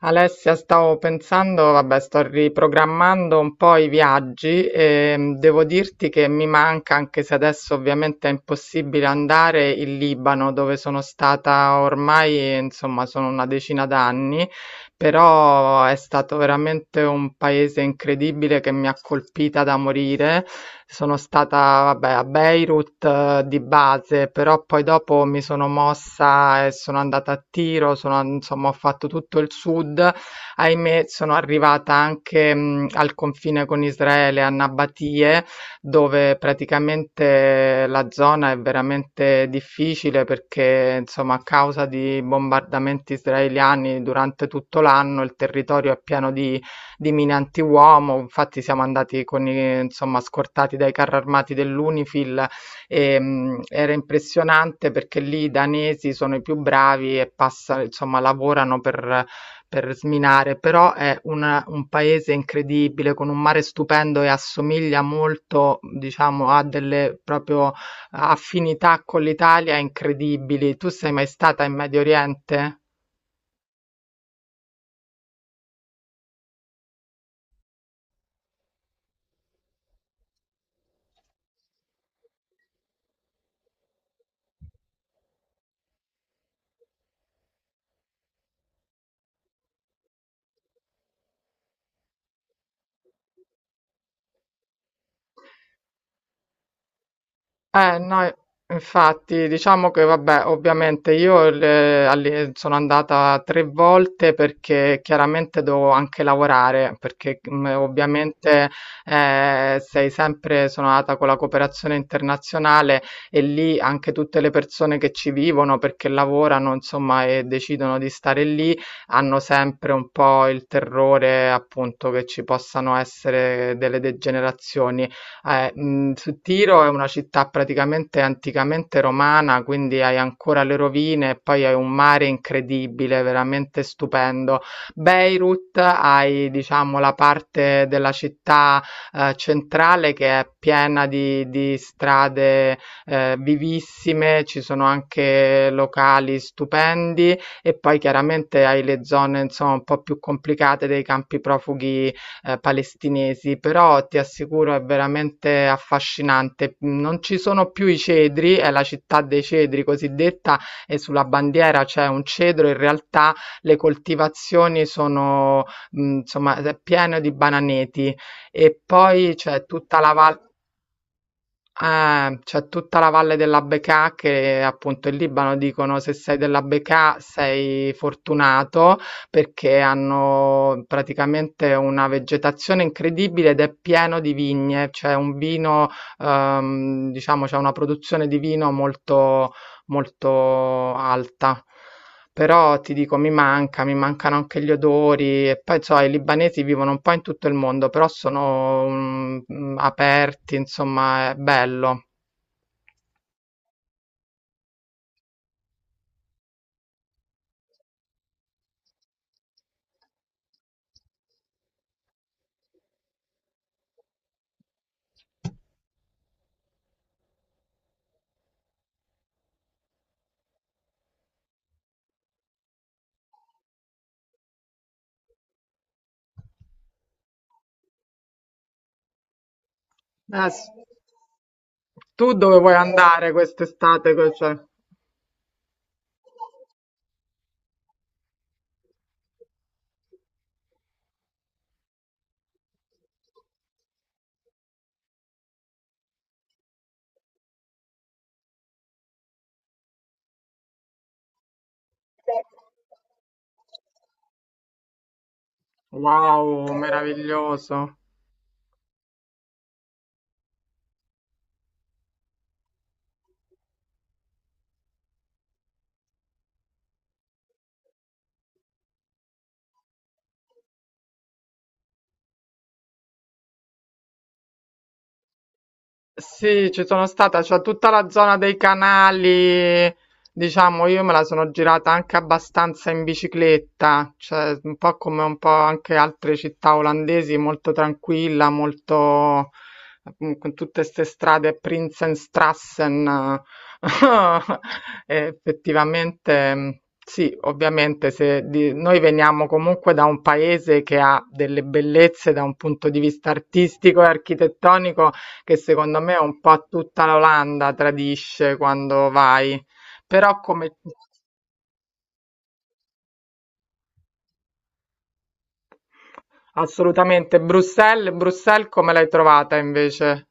Alessia, stavo pensando, vabbè, sto riprogrammando un po' i viaggi e devo dirti che mi manca, anche se adesso ovviamente è impossibile andare, il Libano, dove sono stata ormai, insomma, sono una decina d'anni però è stato veramente un paese incredibile che mi ha colpita da morire. Sono stata, vabbè, a Beirut di base, però poi dopo mi sono mossa e sono andata a Tiro, sono, insomma, ho fatto tutto il sud. Ahimè, sono arrivata anche al confine con Israele, a Nabatie dove praticamente la zona è veramente difficile perché, insomma, a causa di bombardamenti israeliani durante tutto l'anno il territorio è pieno di mine antiuomo. Infatti siamo andati con insomma, scortati dai carri armati dell'Unifil e era impressionante perché lì i danesi sono i più bravi e passa, insomma, lavorano per sminare, però è un paese incredibile con un mare stupendo e assomiglia molto, diciamo, a delle proprio affinità con l'Italia incredibili. Tu sei mai stata in Medio Oriente? No, infatti, diciamo che vabbè, ovviamente io sono andata 3 volte perché chiaramente devo anche lavorare, perché ovviamente sei sempre, sono andata con la cooperazione internazionale e lì anche tutte le persone che ci vivono perché lavorano, insomma, e decidono di stare lì, hanno sempre un po' il terrore appunto che ci possano essere delle degenerazioni. Su Tiro è una città praticamente anticamente romana, quindi hai ancora le rovine e poi hai un mare incredibile, veramente stupendo. Beirut hai, diciamo, la parte della città, centrale che è piena di strade, vivissime, ci sono anche locali stupendi e poi chiaramente hai le zone, insomma, un po' più complicate dei campi profughi palestinesi, però ti assicuro è veramente affascinante. Non ci sono più i cedri, è la città dei cedri cosiddetta, e sulla bandiera c'è un cedro, in realtà le coltivazioni sono, insomma, è pieno di bananeti e poi c'è tutta la valle. C'è tutta la valle della Bekaa che appunto in Libano dicono se sei della Bekaa sei fortunato perché hanno praticamente una vegetazione incredibile ed è pieno di vigne, c'è un vino, diciamo, c'è una produzione di vino molto alta. Però ti dico, mi manca, mi mancano anche gli odori e poi so, i libanesi vivono un po' in tutto il mondo, però sono aperti, insomma, è bello. Eh, s- tu dove vuoi andare quest'estate? Cioè, wow, meraviglioso. Sì, ci sono stata, c'è tutta la zona dei canali, diciamo, io me la sono girata anche abbastanza in bicicletta, cioè un po' come un po' anche altre città olandesi, molto tranquilla, molto con tutte queste strade Prinsenstrassen. E effettivamente sì, ovviamente se di- noi veniamo comunque da un paese che ha delle bellezze da un punto di vista artistico e architettonico che secondo me un po' tutta l'Olanda tradisce quando vai. Però come assolutamente Bruxelles, Bruxelles come l'hai trovata invece?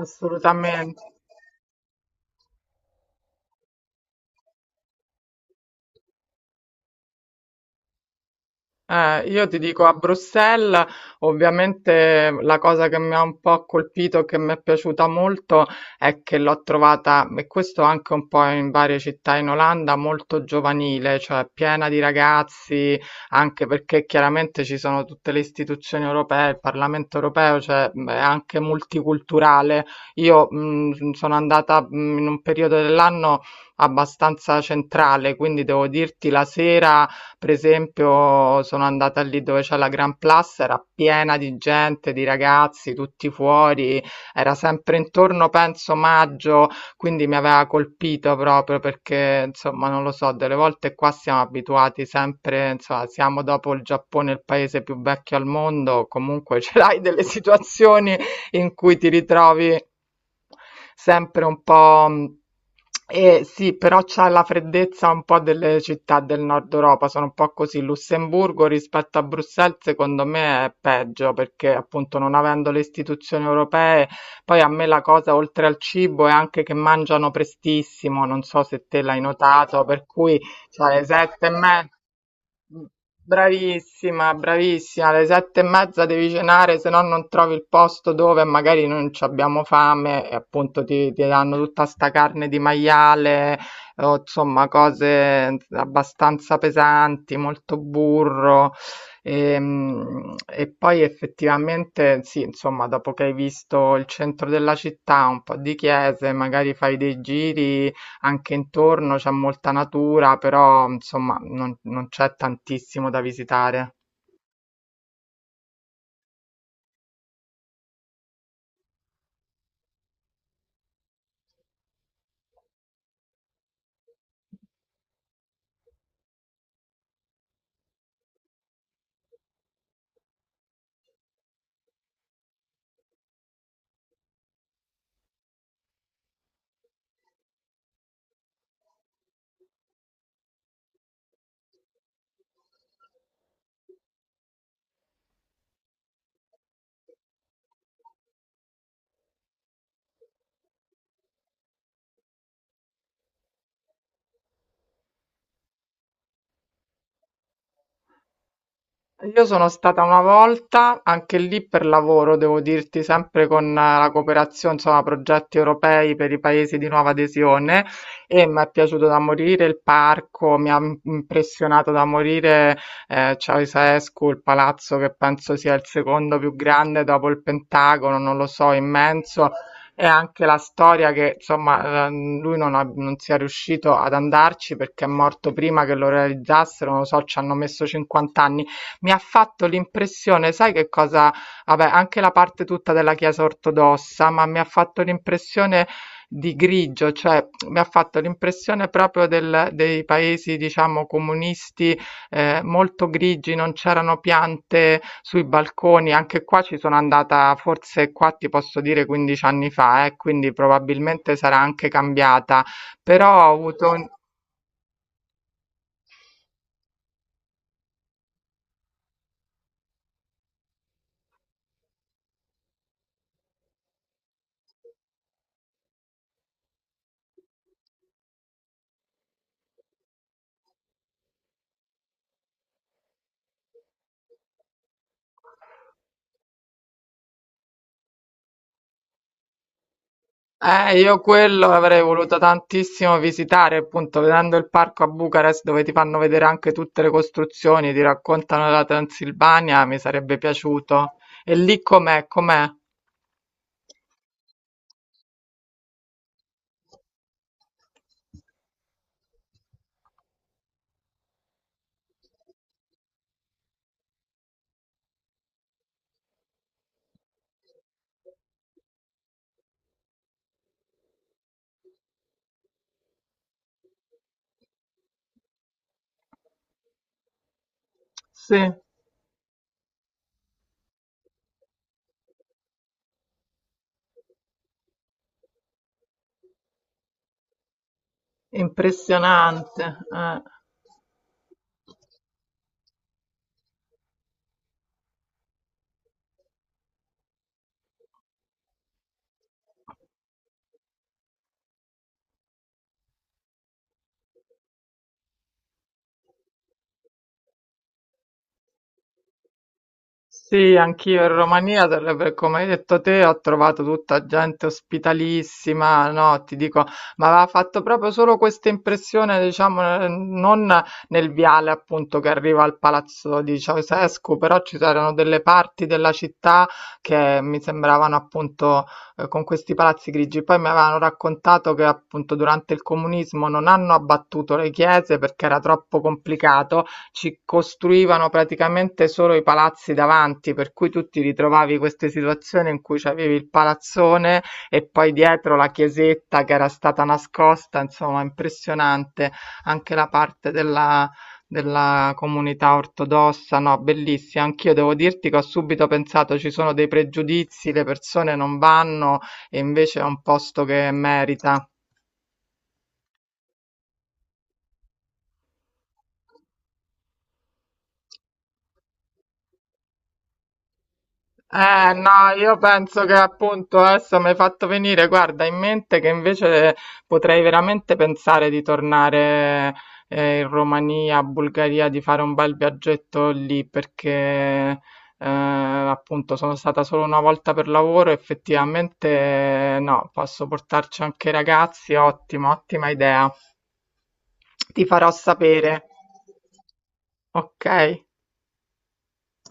Assolutamente. Io ti dico a Bruxelles, ovviamente la cosa che mi ha un po' colpito e che mi è piaciuta molto è che l'ho trovata, e questo anche un po' in varie città in Olanda, molto giovanile, cioè piena di ragazzi, anche perché chiaramente ci sono tutte le istituzioni europee, il Parlamento europeo, cioè è anche multiculturale. Io sono andata in un periodo dell'anno abbastanza centrale, quindi devo dirti la sera. Per esempio, sono andata lì dove c'è la Gran Place, era piena di gente, di ragazzi, tutti fuori, era sempre intorno, penso, maggio, quindi mi aveva colpito proprio perché, insomma, non lo so, delle volte qua siamo abituati sempre, insomma, siamo dopo il Giappone il paese più vecchio al mondo, comunque ce l'hai delle situazioni in cui ti ritrovi sempre un po'... E sì, però c'ha la freddezza un po' delle città del nord Europa, sono un po' così. Lussemburgo rispetto a Bruxelles, secondo me è peggio perché appunto non avendo le istituzioni europee, poi a me la cosa oltre al cibo è anche che mangiano prestissimo, non so se te l'hai notato, per cui cioè, le sette e mezza. Mh, Bravissima, bravissima. Alle 7 e mezza devi cenare, se no non trovi il posto dove magari non c'abbiamo fame e appunto ti danno tutta sta carne di maiale, o insomma cose abbastanza pesanti, molto burro. E, poi effettivamente sì, insomma, dopo che hai visto il centro della città, un po' di chiese, magari fai dei giri anche intorno c'è molta natura, però insomma non c'è tantissimo da visitare. Io sono stata una volta, anche lì per lavoro, devo dirti, sempre con la cooperazione, insomma, progetti europei per i paesi di nuova adesione e mi è piaciuto da morire il parco, impressionato da morire Ceausescu, il palazzo che penso sia il secondo più grande dopo il Pentagono, non lo so, immenso. E anche la storia che, insomma, lui non, ha- non sia riuscito ad andarci perché è morto prima che lo realizzassero, non lo so, ci hanno messo 50 anni mi ha fatto l'impressione, sai che cosa? Vabbè, anche la parte tutta della Chiesa ortodossa, ma mi ha fatto l'impressione di grigio, cioè mi ha fatto l'impressione proprio dei paesi, diciamo, comunisti molto grigi, non c'erano piante sui balconi. Anche qua ci sono andata, forse qua ti posso dire 15 anni fa, quindi probabilmente sarà anche cambiata, però ho avuto un- io quello avrei voluto tantissimo visitare, appunto, vedendo il parco a Bucarest dove ti fanno vedere anche tutte le costruzioni, ti raccontano della Transilvania, mi sarebbe piaciuto. E lì com'è? Com'è? Sì, impressionante. Eh. Sì, anch'io in Romania, come hai detto te, ho trovato tutta gente ospitalissima, no, ti dico, ma aveva fatto proprio solo questa impressione, diciamo, non nel viale appunto che arriva al palazzo di Ceausescu, però ci erano delle parti della città che mi sembravano appunto con questi palazzi grigi. Poi mi avevano raccontato che appunto durante il comunismo non hanno abbattuto le chiese perché era troppo complicato ci costruivano praticamente solo i palazzi davanti, per cui tu ti ritrovavi queste situazioni in cui c'avevi il palazzone e poi dietro la chiesetta che era stata nascosta, insomma, impressionante anche la parte della comunità ortodossa, no, bellissima. Anch'io devo dirti che ho subito pensato ci sono dei pregiudizi, le persone non vanno e invece è un posto che merita. No, io penso che appunto adesso mi hai fatto venire, guarda, in mente che invece potrei veramente pensare di tornare in Romania, Bulgaria, di fare un bel viaggetto lì perché appunto sono stata solo una volta per lavoro, effettivamente no, posso portarci anche i ragazzi, ottima, ottima idea. Ti farò sapere, ok?